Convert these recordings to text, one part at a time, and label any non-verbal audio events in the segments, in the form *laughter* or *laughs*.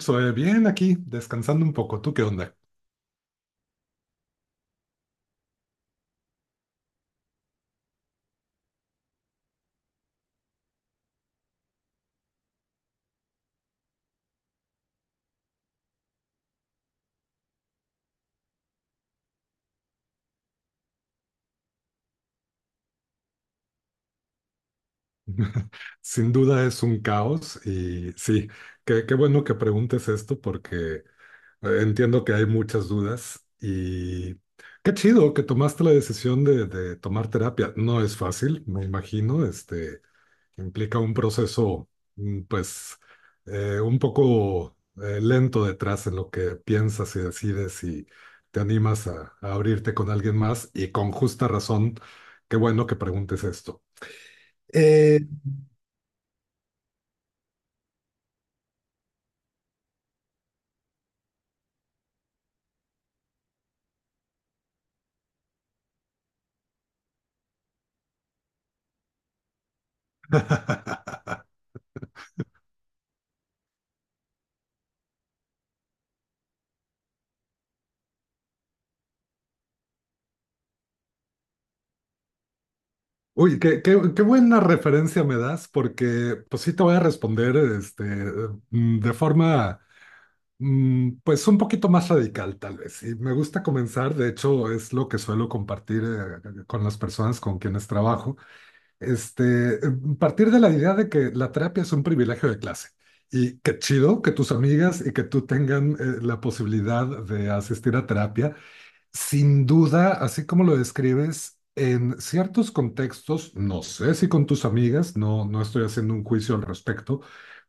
Soy bien aquí, descansando un poco. ¿Tú qué onda? Sin duda es un caos y sí, qué bueno que preguntes esto porque entiendo que hay muchas dudas y qué chido que tomaste la decisión de tomar terapia. No es fácil, me imagino, implica un proceso, pues, un poco lento detrás en lo que piensas y decides y te animas a abrirte con alguien más y con justa razón, qué bueno que preguntes esto. Eh, *laughs* Uy, qué buena referencia me das, porque pues sí te voy a responder de forma pues un poquito más radical tal vez. Y me gusta comenzar, de hecho es lo que suelo compartir con las personas con quienes trabajo. Partir de la idea de que la terapia es un privilegio de clase y qué chido que tus amigas y que tú tengan la posibilidad de asistir a terapia. Sin duda, así como lo describes, en ciertos contextos, no sé si con tus amigas, no, no estoy haciendo un juicio al respecto,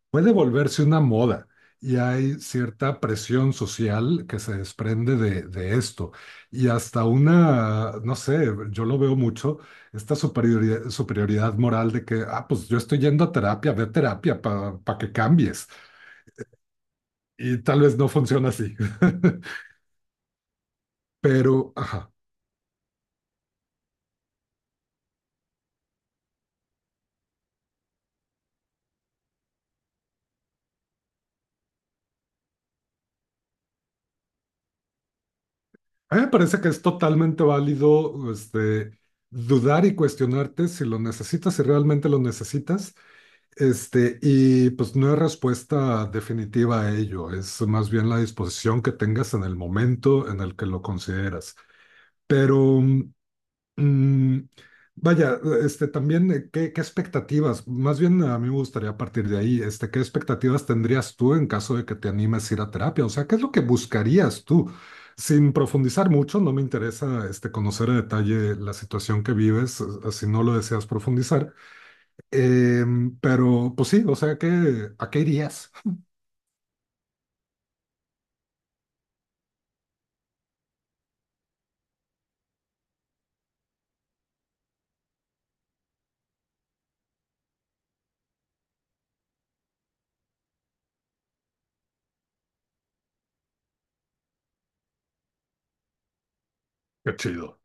puede volverse una moda y hay cierta presión social que se desprende de esto. Y hasta una, no sé, yo lo veo mucho, esta superioridad moral de que, ah, pues yo estoy yendo a terapia, ve a terapia para que cambies. Y tal vez no funciona así. *laughs* Pero, ajá, a mí me parece que es totalmente válido, dudar y cuestionarte si lo necesitas, si realmente lo necesitas. Y pues no hay respuesta definitiva a ello, es más bien la disposición que tengas en el momento en el que lo consideras. Pero, mm, vaya, también, qué expectativas? Más bien a mí me gustaría partir de ahí, ¿qué expectativas tendrías tú en caso de que te animes a ir a terapia? O sea, ¿qué es lo que buscarías tú? Sin profundizar mucho, no me interesa, conocer a detalle la situación que vives, si no lo deseas profundizar. Pero, pues sí, o sea, ¿que a qué irías? Qué chido.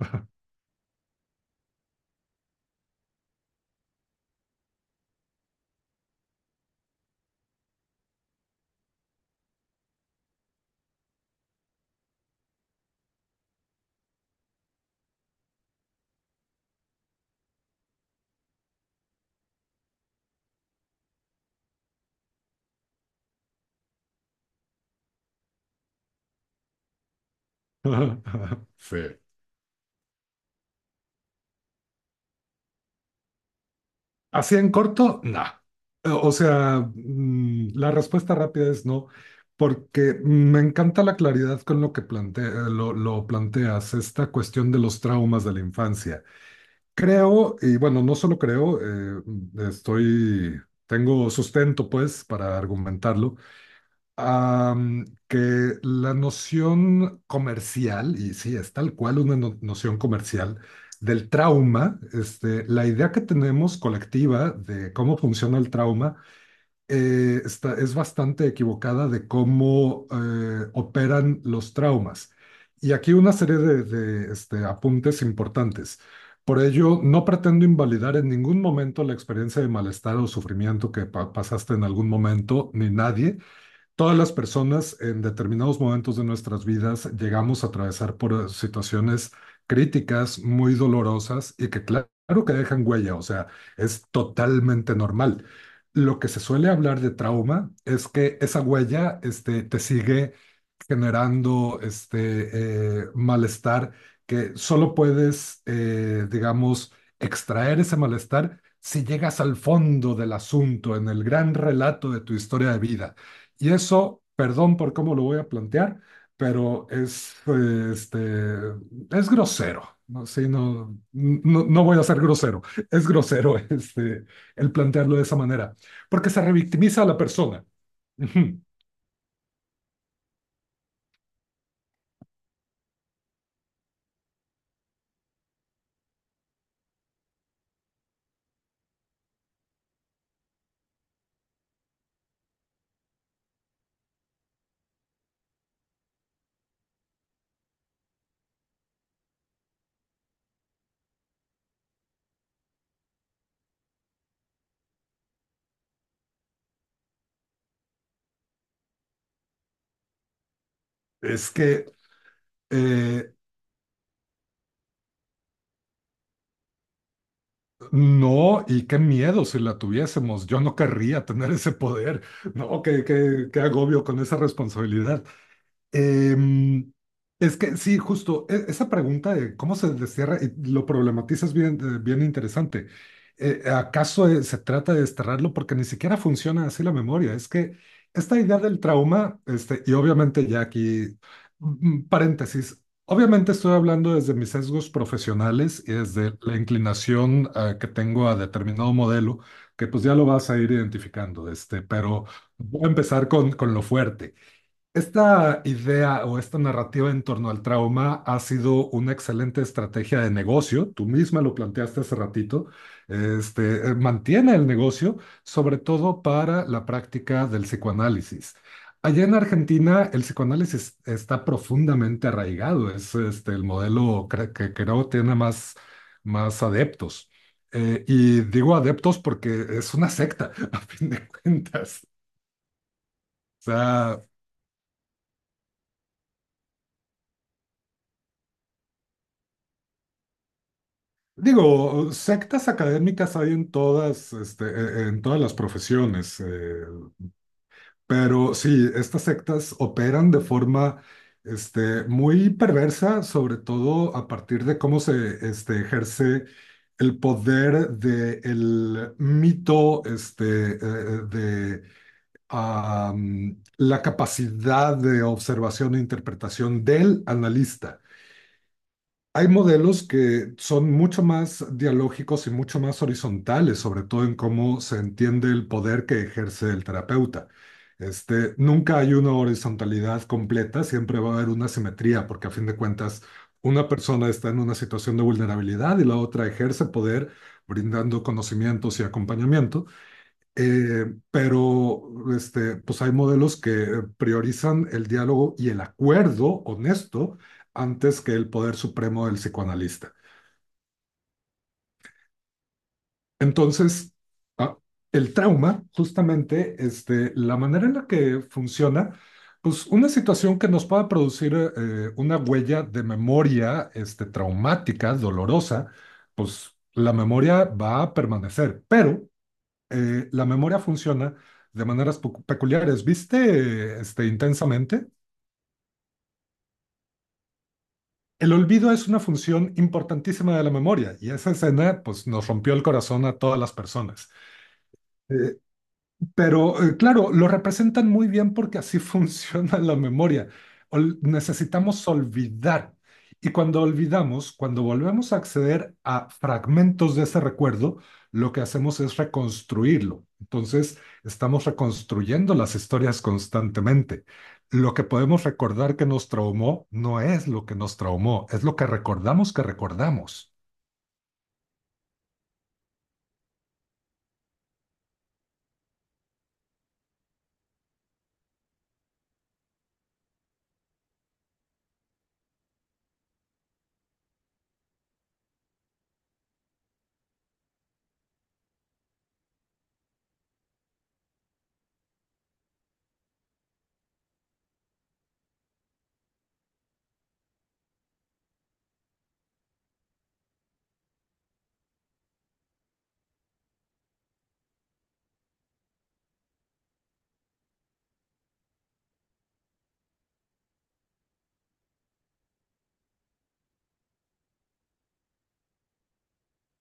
*laughs* Sí. Así en corto, nah. O sea, la respuesta rápida es no, porque me encanta la claridad con lo que lo planteas, esta cuestión de los traumas de la infancia. Creo, y bueno, no solo creo, eh, estoy, tengo sustento pues para argumentarlo, que la noción comercial, y sí, es tal cual una noción comercial del trauma, la idea que tenemos colectiva de cómo funciona el trauma es bastante equivocada de cómo operan los traumas. Y aquí una serie de apuntes importantes. Por ello, no pretendo invalidar en ningún momento la experiencia de malestar o sufrimiento que pasaste en algún momento, ni nadie. Todas las personas en determinados momentos de nuestras vidas llegamos a atravesar por situaciones críticas, muy dolorosas y que claro que dejan huella, o sea, es totalmente normal. Lo que se suele hablar de trauma es que esa huella, te sigue generando malestar que solo puedes, digamos, extraer ese malestar si llegas al fondo del asunto, en el gran relato de tu historia de vida. Y eso, perdón por cómo lo voy a plantear, pero es, es grosero. No, sí, no, no, no voy a ser grosero. *laughs* Es grosero el plantearlo de esa manera, porque se revictimiza a la persona. Ujú. Es que eh, No, y qué miedo si la tuviésemos. Yo no querría tener ese poder. No, qué agobio con esa responsabilidad. Em, es que sí, justo esa pregunta de cómo se destierra, lo problematizas bien, bien interesante. ¿Acaso se trata de desterrarlo? Porque ni siquiera funciona así la memoria. Es que esta idea del trauma, y obviamente ya aquí, paréntesis, obviamente estoy hablando desde mis sesgos profesionales y desde la inclinación, que tengo a determinado modelo, que pues ya lo vas a ir identificando, pero voy a empezar con lo fuerte. Esta idea o esta narrativa en torno al trauma ha sido una excelente estrategia de negocio. Tú misma lo planteaste hace ratito. Mantiene el negocio, sobre todo para la práctica del psicoanálisis. Allá en Argentina, el psicoanálisis está profundamente arraigado. Es el modelo que creo tiene más adeptos. Y digo adeptos porque es una secta, *laughs* a fin de cuentas. O sea, digo, sectas académicas hay en todas, en todas las profesiones, pero sí, estas sectas operan de forma, muy perversa, sobre todo a partir de cómo se, ejerce el poder del mito, de la capacidad de observación e interpretación del analista. Hay modelos que son mucho más dialógicos y mucho más horizontales, sobre todo en cómo se entiende el poder que ejerce el terapeuta. Nunca hay una horizontalidad completa, siempre va a haber una simetría, porque a fin de cuentas una persona está en una situación de vulnerabilidad y la otra ejerce poder brindando conocimientos y acompañamiento. Eh, pero pues hay modelos que priorizan el diálogo y el acuerdo honesto antes que el poder supremo del psicoanalista. Entonces, ah, el trauma, justamente, la manera en la que funciona, pues una situación que nos pueda producir una huella de memoria traumática, dolorosa, pues la memoria va a permanecer, pero la memoria funciona de maneras peculiares. ¿Viste, intensamente? El olvido es una función importantísima de la memoria y esa escena, pues, nos rompió el corazón a todas las personas. Eh, claro, lo representan muy bien porque así *laughs* funciona la memoria. Necesitamos olvidar. Y cuando olvidamos, cuando volvemos a acceder a fragmentos de ese recuerdo, lo que hacemos es reconstruirlo. Entonces, estamos reconstruyendo las historias constantemente. Lo que podemos recordar que nos traumó no es lo que nos traumó, es lo que recordamos que recordamos.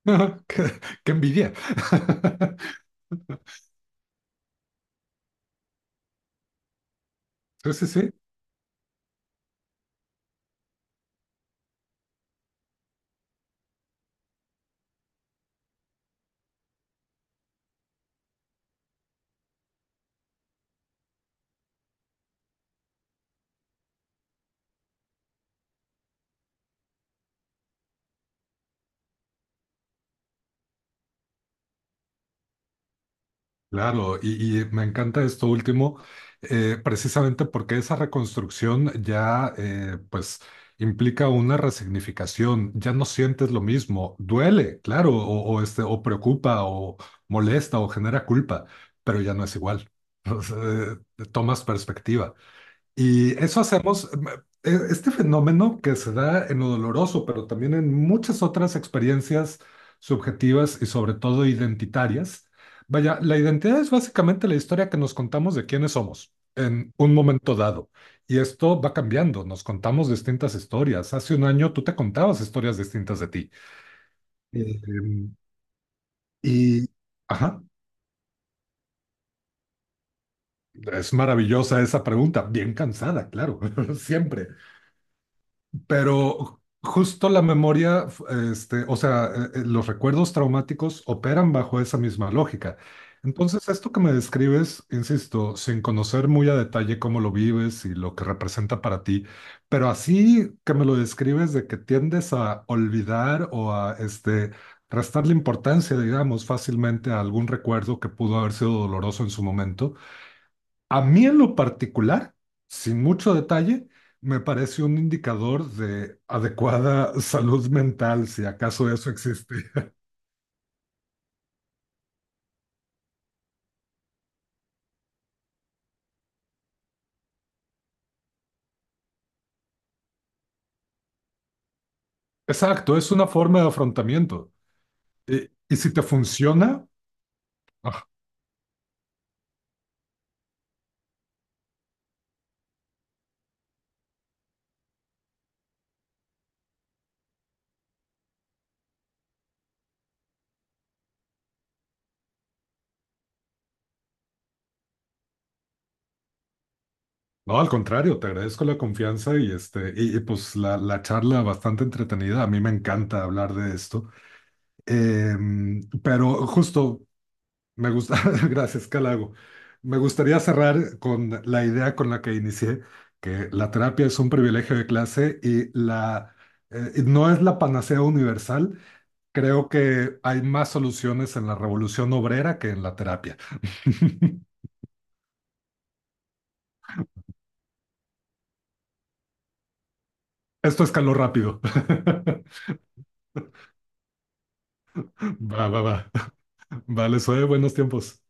*laughs* qué qué envidia. *laughs* Sí, sí, sí. Claro, y me encanta esto último, precisamente porque esa reconstrucción ya pues implica una resignificación, ya no sientes lo mismo, duele, claro, o preocupa, o molesta, o genera culpa, pero ya no es igual. *laughs* O sea, tomas perspectiva. Y eso hacemos, este fenómeno que se da en lo doloroso, pero también en muchas otras experiencias subjetivas y sobre todo identitarias. Vaya, la identidad es básicamente la historia que nos contamos de quiénes somos en un momento dado. Y esto va cambiando, nos contamos distintas historias. Hace un año tú te contabas historias distintas de ti. Eh, y, ajá, es maravillosa esa pregunta, bien cansada, claro, *laughs* siempre. Pero justo la memoria, o sea, los recuerdos traumáticos operan bajo esa misma lógica. Entonces, esto que me describes, insisto, sin conocer muy a detalle cómo lo vives y lo que representa para ti, pero así que me lo describes de que tiendes a olvidar o a restarle importancia, digamos, fácilmente a algún recuerdo que pudo haber sido doloroso en su momento. A mí en lo particular, sin mucho detalle, me parece un indicador de adecuada *laughs* salud mental, si acaso eso existe. *laughs* Exacto, es una forma de afrontamiento. Y si te funciona, ah, no, al contrario, te agradezco la confianza y pues la charla bastante entretenida. A mí me encanta hablar de esto. Em, pero justo Me gusta, *laughs* gracias, Calago. Me gustaría cerrar con la idea con la que inicié, que la terapia es un privilegio de clase no es la panacea universal. Creo que hay más soluciones en la revolución obrera que en la terapia. *laughs* Esto escaló rápido. *laughs* Va, va, va. Vale, soy buenos tiempos.